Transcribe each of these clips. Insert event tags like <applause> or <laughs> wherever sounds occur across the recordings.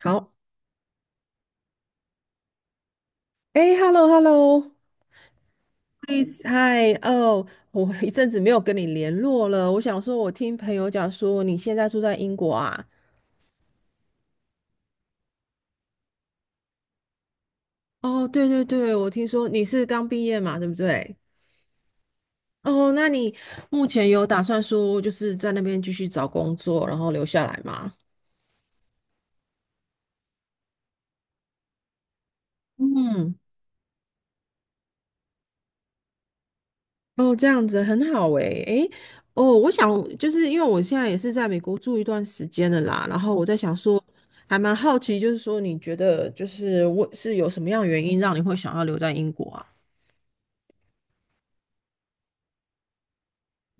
好，哎，hello，hello，嗨，哦，我一阵子没有跟你联络了。我想说，我听朋友讲说你现在住在英国啊？哦，对对对，我听说你是刚毕业嘛，对不对？哦，那你目前有打算说就是在那边继续找工作，然后留下来吗？嗯哦，这样子很好诶，诶，哦，我想就是因为我现在也是在美国住一段时间了啦，然后我在想说，还蛮好奇，就是说你觉得就是我是有什么样的原因让你会想要留在英国啊？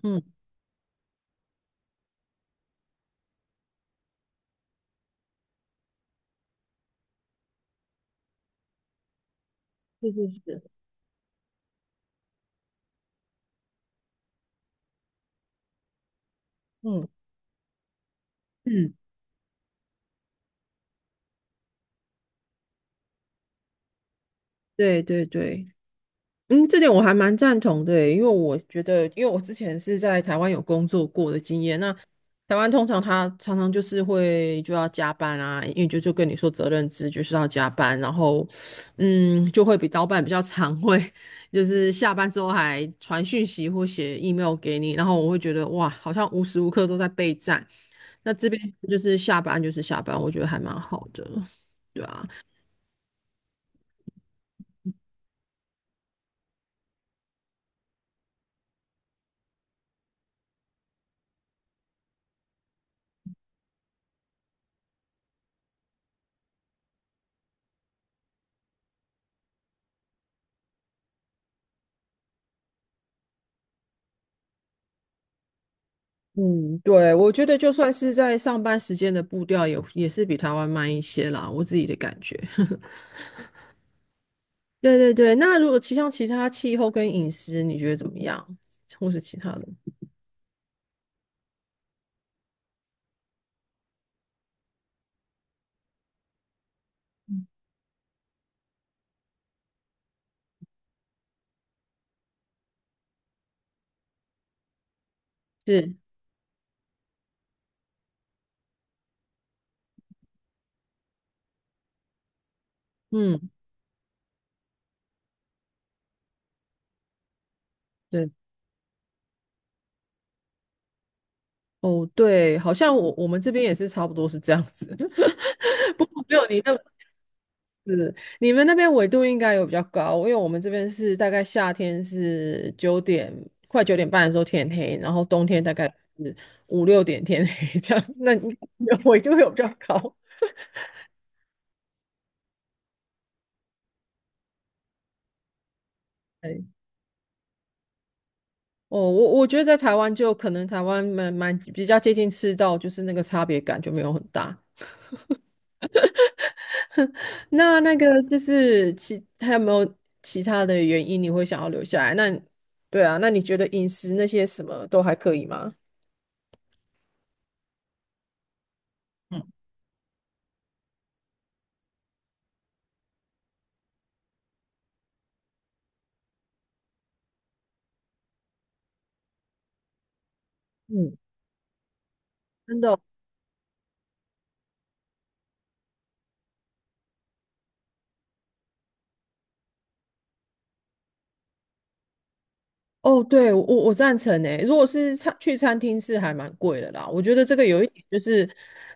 嗯，是是是，嗯嗯，对对对。嗯，这点我还蛮赞同的耶因为我觉得，因为我之前是在台湾有工作过的经验，那台湾通常他常常就是会就要加班啊，因为就跟你说责任制就是要加班，然后嗯，就会比老板比较常会就是下班之后还传讯息或写 email 给你，然后我会觉得哇，好像无时无刻都在备战。那这边就是下班就是下班，我觉得还蛮好的。嗯，对，我觉得就算是在上班时间的步调也是比台湾慢一些啦，我自己的感觉。<laughs> 对对对，那如果像其他气候跟饮食，你觉得怎么样？或是其他的？是，嗯，对，哦，对，好像我们这边也是差不多是这样子，<laughs> 不过没有你那么。是，你们那边纬度应该有比较高，因为我们这边是大概夏天是快9点半的时候天黑，然后冬天大概是5、6点天黑这样。那你们纬度有比较高？<laughs> 哎，哦，我觉得在台湾就可能台湾蛮比较接近赤道，就是那个差别感就没有很大。那个就是还有没有其他的原因你会想要留下来？那对啊，那你觉得饮食那些什么都还可以吗？嗯，真的哦哦，对，我赞成诶。如果是去餐厅是还蛮贵的啦。我觉得这个有一点就是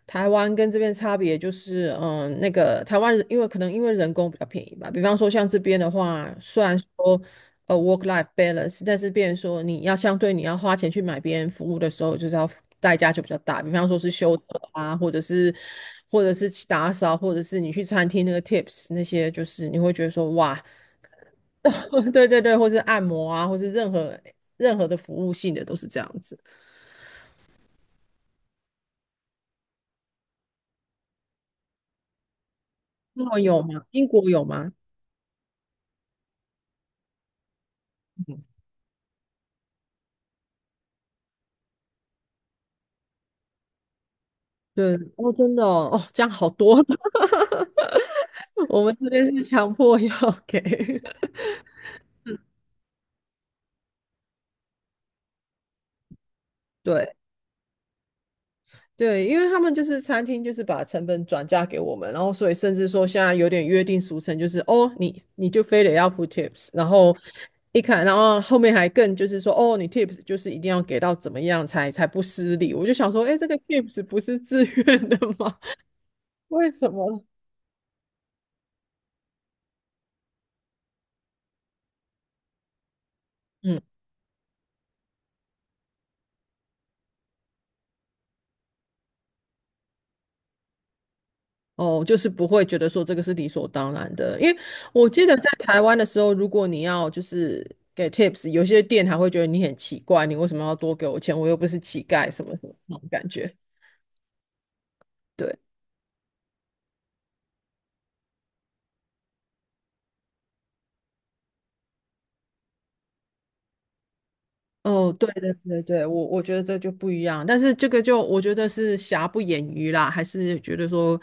台湾跟这边差别就是，嗯，那个台湾人因为可能因为人工比较便宜吧。比方说像这边的话，虽然说work life balance，但是变成说你要相对你要花钱去买别人服务的时候，就是要代价就比较大。比方说是修车啊，或者是去打扫，或者是你去餐厅那个 tips 那些，就是你会觉得说哇。<laughs> 对对对，或是按摩啊，或是任何的服务性的都是这样子。英国有吗？英国有吗？对，哦，真的哦，哦，这样好多了。<laughs> 我们这边是强迫要给，<laughs> 对对，因为他们就是餐厅，就是把成本转嫁给我们，然后所以甚至说现在有点约定俗成，就是哦，你就非得要付 tips，然后一看，然后后面还更就是说哦，你 tips 就是一定要给到怎么样才不失礼。我就想说，哎，这个 tips 不是自愿的吗？<laughs> 为什么？嗯，哦，就是不会觉得说这个是理所当然的，因为我记得在台湾的时候，如果你要就是给 tips，有些店还会觉得你很奇怪，你为什么要多给我钱？我又不是乞丐，什么什么那种感觉。对，哦，对对对对，我觉得这就不一样，但是这个就我觉得是瑕不掩瑜啦，还是觉得说，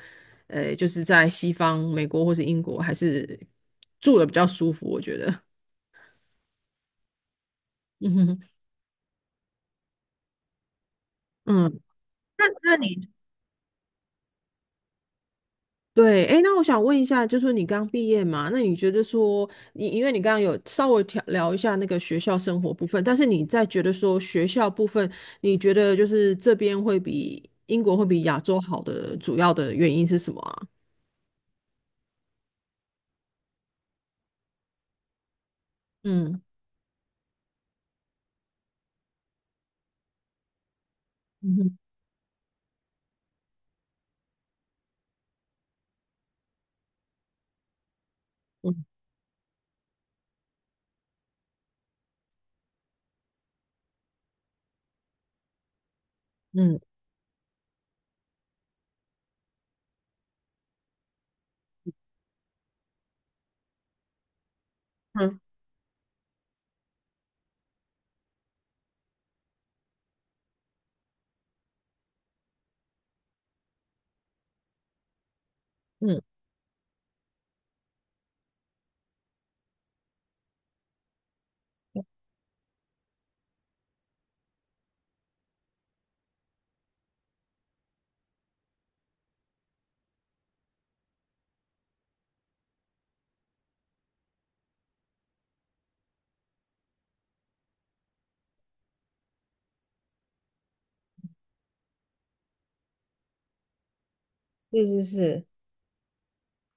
就是在西方美国或是英国还是住的比较舒服，我觉得，<laughs> 嗯哼嗯。对，哎，那我想问一下，就是你刚毕业嘛，那你觉得说，你因为你刚刚有稍微聊一下那个学校生活部分，但是你在觉得说学校部分，你觉得就是这边会比亚洲好的主要的原因是什么啊？嗯嗯哼嗯嗯嗯，嗯，是是是。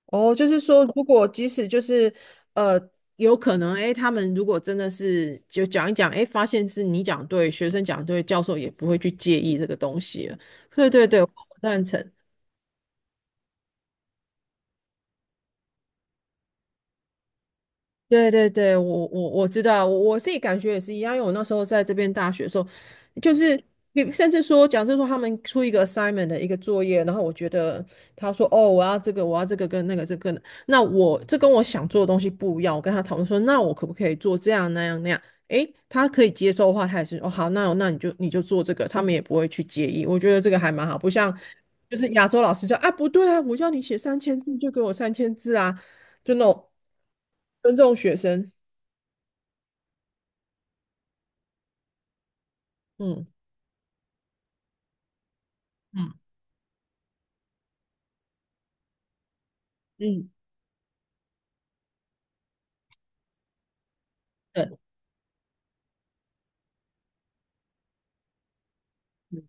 哦，就是说，如果即使就是呃，有可能，哎，他们如果真的是就讲一讲，哎，发现是你讲对，学生讲对，教授也不会去介意这个东西了。对对对，我赞成。对对对，我知道，我自己感觉也是一样，因为我那时候在这边大学的时候，就是甚至说，假设说他们出一个 assignment 的一个作业，然后我觉得他说哦，我要这个，我要这个跟那个这个跟，那我这跟我想做的东西不一样，我跟他讨论说，那我可不可以做这样那样那样？诶，他可以接受的话，他也是哦好，那你就做这个，他们也不会去介意，我觉得这个还蛮好，不像就是亚洲老师说啊不对啊，我叫你写三千字就给我三千字啊。就那种尊重学生。嗯嗯嗯，对，嗯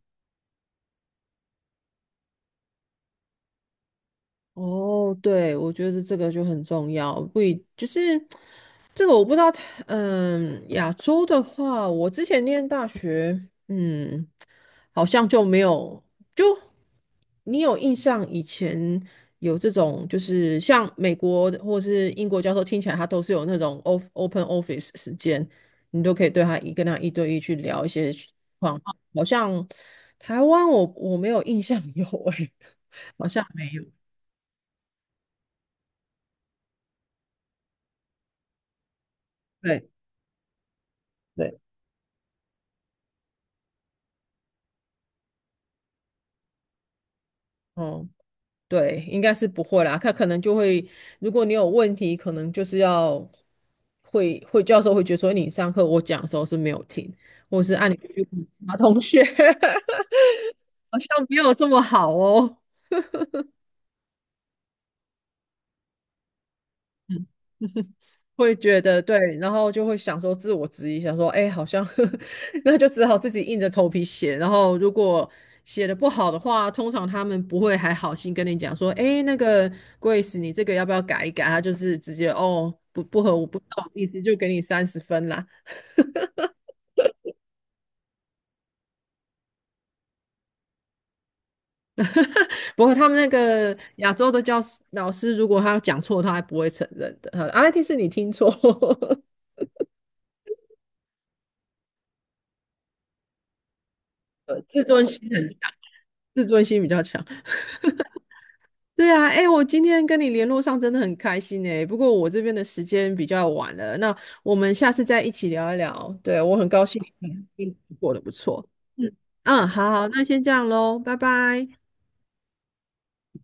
哦，对，我觉得这个就很重要，不一就是这个我不知道它嗯，亚洲的话，我之前念大学，嗯，好像就没有，就你有印象以前有这种，就是像美国的或者是英国教授，听起来他都是有那种 open office 时间，你都可以对他一跟他一对一去聊一些情况。好像台湾我没有印象有诶、<laughs> 好像没有。对对，哦、对，应该是不会啦。他可能就会，如果你有问题，可能就是要会教授会觉得说你上课我讲的时候是没有听，或是按你去问其他同学，<laughs> 好像没有这么好哦。会觉得对，然后就会想说自我质疑，想说，哎，好像 <laughs> 那就只好自己硬着头皮写。然后如果写的不好的话，通常他们不会还好心跟你讲说，哎，那个 Grace，你这个要不要改一改？他就是直接哦，不合我不好意思，就给你30分啦。不过他们那个亚洲的老师，如果他讲错，他还不会承认的。他说啊，一定是你听错，<laughs> 自尊心很，自尊心比较强。对啊，哎，我今天跟你联络上真的很开心哎。不过我这边的时间比较晚了，那我们下次再一起聊一聊。对，我很高兴你过得不错。嗯嗯，好好，那先这样喽，拜拜。